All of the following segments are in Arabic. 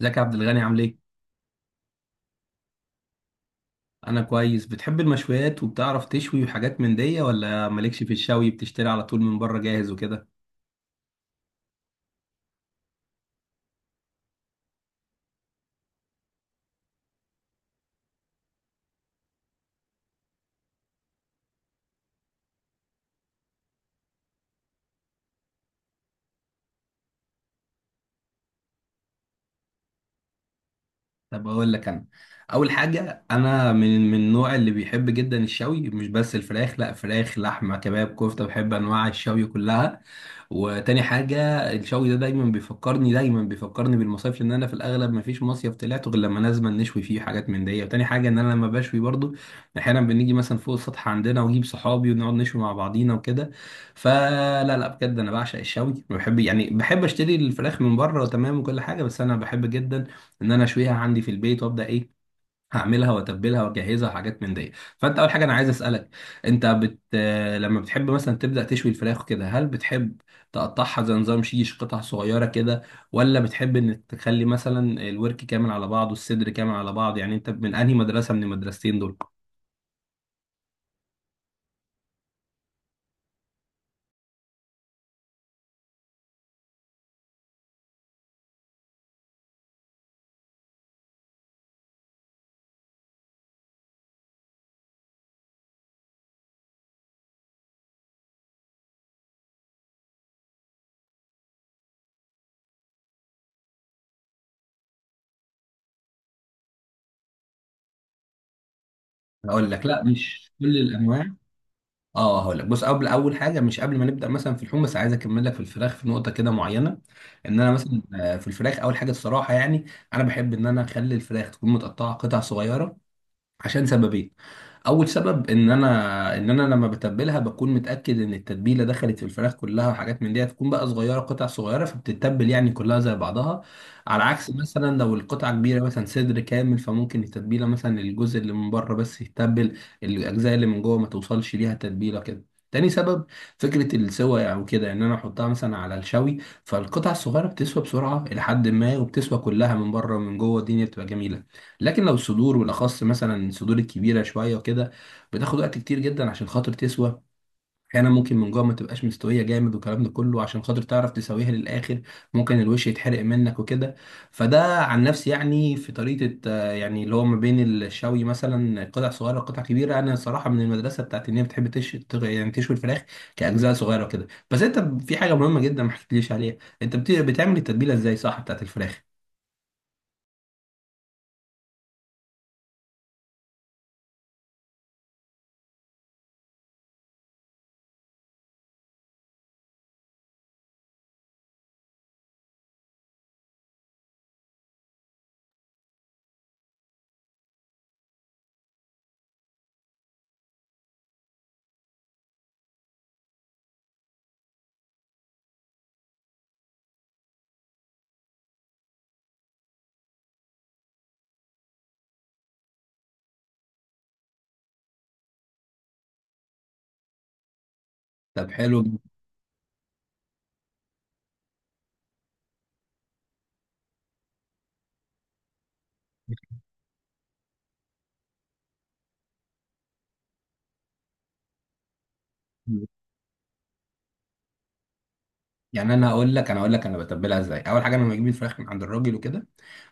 ازيك يا عبد الغني، عامل ايه؟ انا كويس. بتحب المشويات وبتعرف تشوي وحاجات من دي، ولا مالكش في الشوي بتشتري على طول من بره جاهز وكده؟ طب اقول لك انا. اول حاجه، انا من النوع اللي بيحب جدا الشوي، مش بس الفراخ، لا، فراخ لحمه كباب كفته، بحب انواع الشوي كلها. وتاني حاجه، الشوي ده دايما بيفكرني بالمصايف، لان انا في الاغلب ما فيش مصيف طلعته غير لما لازم نشوي فيه حاجات من دي. وتاني حاجه ان انا لما بشوي برضو احيانا بنيجي مثلا فوق السطح عندنا واجيب صحابي ونقعد نشوي مع بعضينا وكده. فلا لا بجد، انا بعشق الشوي، بحب، يعني بحب اشتري الفراخ من بره تمام وكل حاجه، بس انا بحب جدا ان انا اشويها عندي في البيت، وابدا ايه، هعملها واتبلها واجهزها وحاجات من دي. فانت، اول حاجه انا عايز اسالك، انت بت... آه، لما بتحب مثلا تبدا تشوي الفراخ كده، هل بتحب تقطعها زي نظام شيش قطع صغيره كده، ولا بتحب ان تخلي مثلا الورك كامل على بعضه، الصدر كامل على بعض؟ يعني انت من انهي مدرسه من المدرستين دول؟ هقول لك، لا مش كل الانواع. اه، هقول لك، بص، قبل، اول حاجه، مش قبل ما نبدا مثلا في اللحوم، بس عايز اكمل لك في الفراخ في نقطه كده معينه. ان انا مثلا في الفراخ، اول حاجه الصراحه يعني، انا بحب ان انا اخلي الفراخ تكون متقطعه قطع صغيره، عشان سببين. اول سبب، ان انا ان انا لما بتبلها بكون متاكد ان التتبيله دخلت في الفراخ كلها وحاجات من دي، تكون بقى صغيره قطع صغيره، فبتتبل يعني كلها زي بعضها. على عكس مثلا لو القطعه كبيره، مثلا صدر كامل، فممكن التتبيله مثلا الجزء اللي من بره بس يتبل، الاجزاء اللي من جوه ما توصلش ليها تتبيله كده. تاني سبب، فكرة السوى يعني وكده، ان انا احطها مثلا على الشوي. فالقطع الصغيرة بتسوى بسرعة الى حد ما، وبتسوى كلها من بره ومن جوه، الدنيا بتبقى جميلة. لكن لو الصدور، بالاخص مثلا الصدور الكبيره شويه وكده، بتاخد وقت كتير جدا عشان خاطر تسوى. احيانا ممكن من جوه ما تبقاش مستويه جامد، والكلام ده كله عشان خاطر تعرف تسويها للاخر، ممكن الوش يتحرق منك وكده. فده عن نفسي يعني، في طريقه يعني اللي هو ما بين الشوي مثلا قطع صغيره وقطع كبيره، انا صراحه من المدرسه بتاعت ان هي بتحب يعني تشوي الفراخ كاجزاء صغيره وكده. بس انت، في حاجه مهمه جدا ما حكيتليش عليها، بتعمل التتبيله ازاي، صح، بتاعت الفراخ؟ طب حلو. يعني انا اقول لك، انا بتبلها ازاي. اول حاجه، انا لما بجيب الفراخ من عند الراجل وكده،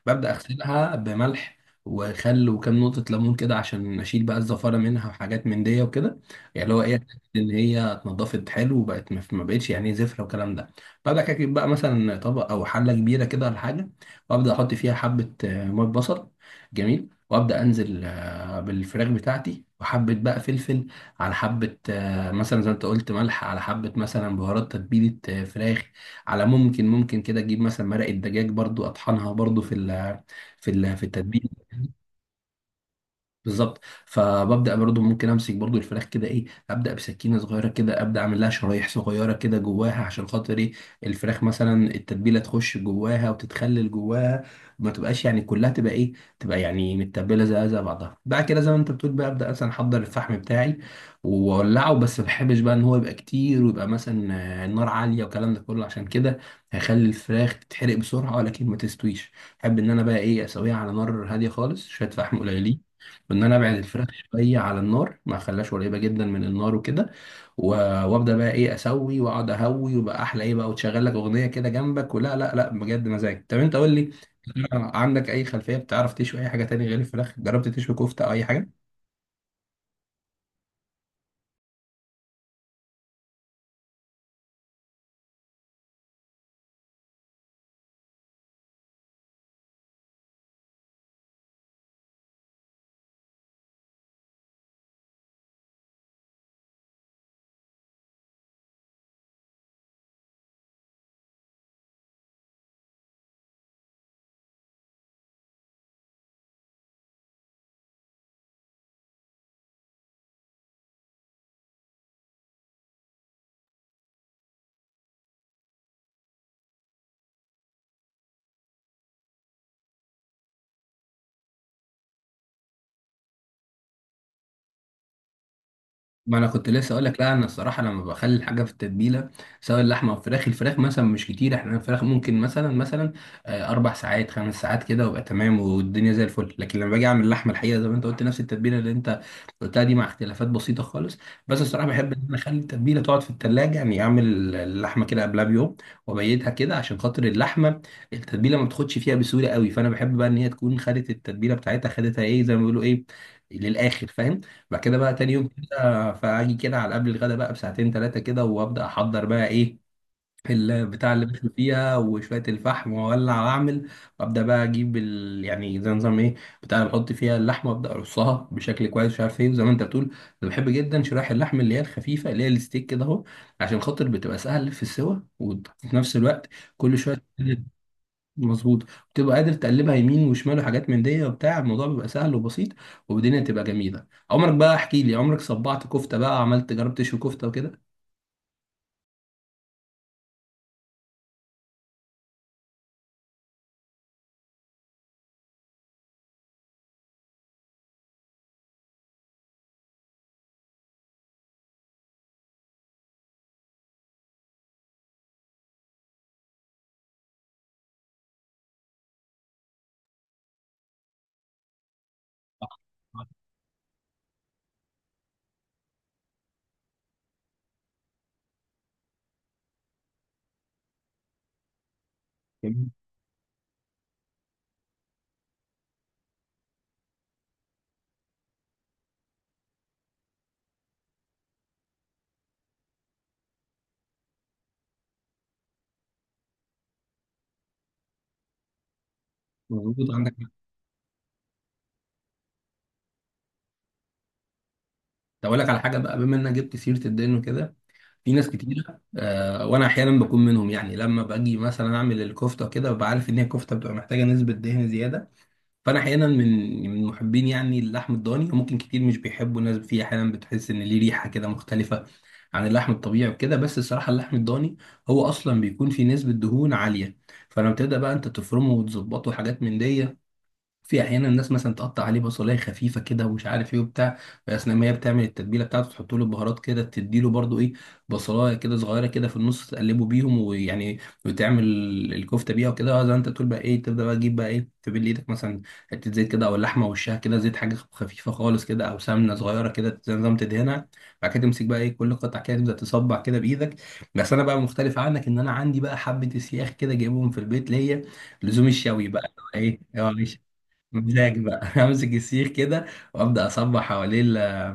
ببدا اغسلها بملح وخل وكام نقطه ليمون كده، عشان اشيل بقى الزفاره منها وحاجات من دي وكده. يعني اللي هو ايه، أتأكد ان هي اتنضفت حلو، وبقت ما بقتش يعني زفره والكلام ده. ببدا كده اجيب بقى مثلا طبق او حله كبيره كده ولا حاجه، وابدا احط فيها حبه ميه بصل. جميل. وابدا انزل بالفراخ بتاعتي، وحبه بقى فلفل على حبه مثلا زي ما انت قلت ملح، على حبة مثلا بهارات تتبيلة فراخ، على ممكن، ممكن كده تجيب مثلا مرقة دجاج برضو، اطحنها برضو في ال، في التتبيل. بالظبط. فببدا برضو ممكن امسك برضو الفراخ كده ايه، ابدا بسكينه صغيره كده، ابدا اعمل لها شرايح صغيره كده جواها، عشان خاطر ايه، الفراخ مثلا التتبيله تخش جواها وتتخلل جواها، ما تبقاش يعني كلها تبقى ايه، تبقى يعني متبله زي بعضها. بعد كده، زي ما انت بتقول بقى، ابدا مثلا احضر الفحم بتاعي واولعه، بس ما بحبش بقى ان هو يبقى كتير ويبقى مثلا النار عاليه، والكلام ده كله عشان كده هيخلي الفراخ تتحرق بسرعه ولكن ما تستويش. احب ان انا بقى ايه، اسويها على نار هاديه خالص، شويه فحم قليلين، ان انا ابعد الفراخ شويه على النار، ما اخليهاش قريبه جدا من النار وكده. و- وابدا بقى ايه اسوي واقعد اهوي، وبقى احلى ايه بقى، وتشغل لك اغنيه كده جنبك. ولا، لا بجد مزاج. طب انت قول لي، عندك اي خلفيه بتعرف تشوي اي حاجه تاني غير الفراخ؟ جربت تشوي كفته او اي حاجه؟ ما انا كنت لسه اقول لك. لا انا الصراحه لما بخلي الحاجه في التتبيله، سواء اللحمه او الفراخ، الفراخ مثلا مش كتير، احنا الفراخ ممكن مثلا 4 ساعات 5 ساعات كده وابقى تمام والدنيا زي الفل. لكن لما باجي اعمل اللحمه، الحقيقه زي ما انت قلت، نفس التتبيله اللي انت قلتها دي مع اختلافات بسيطه خالص. بس الصراحه بحب ان انا اخلي التتبيله تقعد في التلاجة، يعني اعمل اللحمه كده قبلها بيوم وابيتها كده، عشان خاطر اللحمه التتبيله ما بتاخدش فيها بسهوله قوي، فانا بحب بقى ان هي تكون خدت التتبيله بتاعتها، خدتها ايه، زي ما بيقولوا ايه، للاخر، فاهم. بعد كده بقى تاني يوم فاجي كده على قبل الغدا بقى بساعتين 3 كده، وابدا احضر بقى ايه البتاع اللي بشوي فيها، وشويه الفحم، واولع واعمل. وابدا بقى يعني زي نظام ايه، بتاع اللي بحط فيها اللحمه، وابدا ارصها بشكل كويس، مش عارف ايه. زي ما انت بتقول، انا بحب جدا شرايح اللحم اللي هي الخفيفه، اللي هي الستيك كده اهو، عشان خاطر بتبقى سهل في السوا، وفي نفس الوقت كل شويه، مظبوط، بتبقى قادر تقلبها يمين وشمال وحاجات من دي، وبتاع، الموضوع بيبقى سهل وبسيط والدنيا تبقى جميله. عمرك بقى، احكي لي، عمرك صبعت كفته بقى، عملت، جربت تشوي كفته وكده؟ آه، جميل. مظبوط، عندك حق. طب اقول لك على حاجه بقى، بما انك جبت سيره الدين وكده، في ناس كتير، وانا احيانا بكون منهم، يعني لما باجي مثلا اعمل الكفته كده، ببقى عارف ان هي كفته بتبقى محتاجه نسبه دهن زياده، فانا احيانا من محبين يعني اللحم الضاني، وممكن كتير مش بيحبوا، ناس فيه احيانا بتحس ان ليه ريحه كده مختلفه عن اللحم الطبيعي وكده. بس الصراحه اللحم الضاني هو اصلا بيكون فيه نسبه دهون عاليه، فلما تبدا بقى انت تفرمه وتظبطه وحاجات من دي، في احيانا الناس مثلا تقطع عليه بصلايه خفيفه كده ومش عارف ايه وبتاع، اثناء ما هي بتعمل التتبيله بتاعته تحط له البهارات كده، تديله برضو ايه بصلايه كده صغيره كده في النص، تقلبه بيهم ويعني وتعمل الكفته بيها وكده. زي ما انت تقول بقى ايه، تبدا بقى تجيب بقى ايه، تبل ايدك مثلا حته زيت كده، او اللحمه وشها كده زيت، حاجه خفيفه خالص كده، او سمنه صغيره كده زي نظام تدهنها. بعد كده تمسك بقى ايه كل قطعه كده، تبدا تصبع كده بايدك. بس انا بقى مختلف عنك، ان انا عندي بقى حبه اسياخ كده جايبهم في البيت ليا لزوم الشوي بقى ايه اه. مزاج بقى. امسك السيخ كده، وابدا اصبح حواليه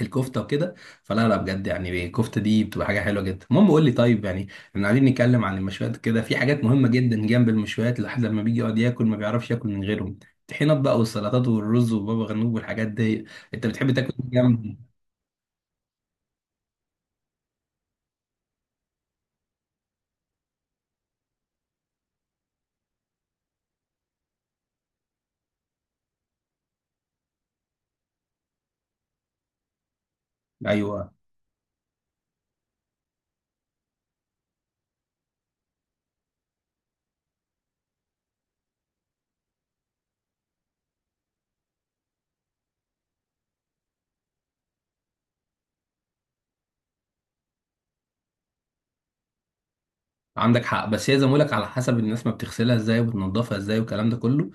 الكفته وكده. فلا لا بجد يعني الكفته دي بتبقى حاجه حلوه جدا. المهم قول لي، طيب يعني احنا قاعدين نتكلم عن المشويات كده، في حاجات مهمه جدا جنب المشويات، الواحد لما بيجي يقعد ياكل ما بيعرفش ياكل من غيرهم، الطحينات بقى والسلطات والرز وبابا غنوج والحاجات دي، انت بتحب تاكل إيه جنب؟ ايوه، عندك حق. بس هي زي ما بقولك، على حسب الناس، ما بتغسلها ازاي وبتنضفها ازاي والكلام ده كله.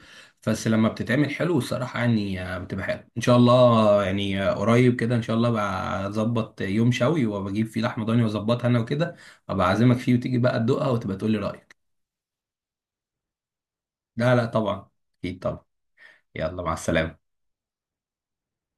بس لما بتتعمل حلو الصراحة، يعني بتبقى حلو ان شاء الله. يعني قريب كده ان شاء الله بقى اظبط يوم شوي، وبجيب فيه لحمة ضاني واظبطها انا وكده، ابقى اعزمك فيه وتيجي بقى تدوقها وتبقى تقولي رأيك. لا، طبعا، اكيد طبعا. يلا، مع السلامة.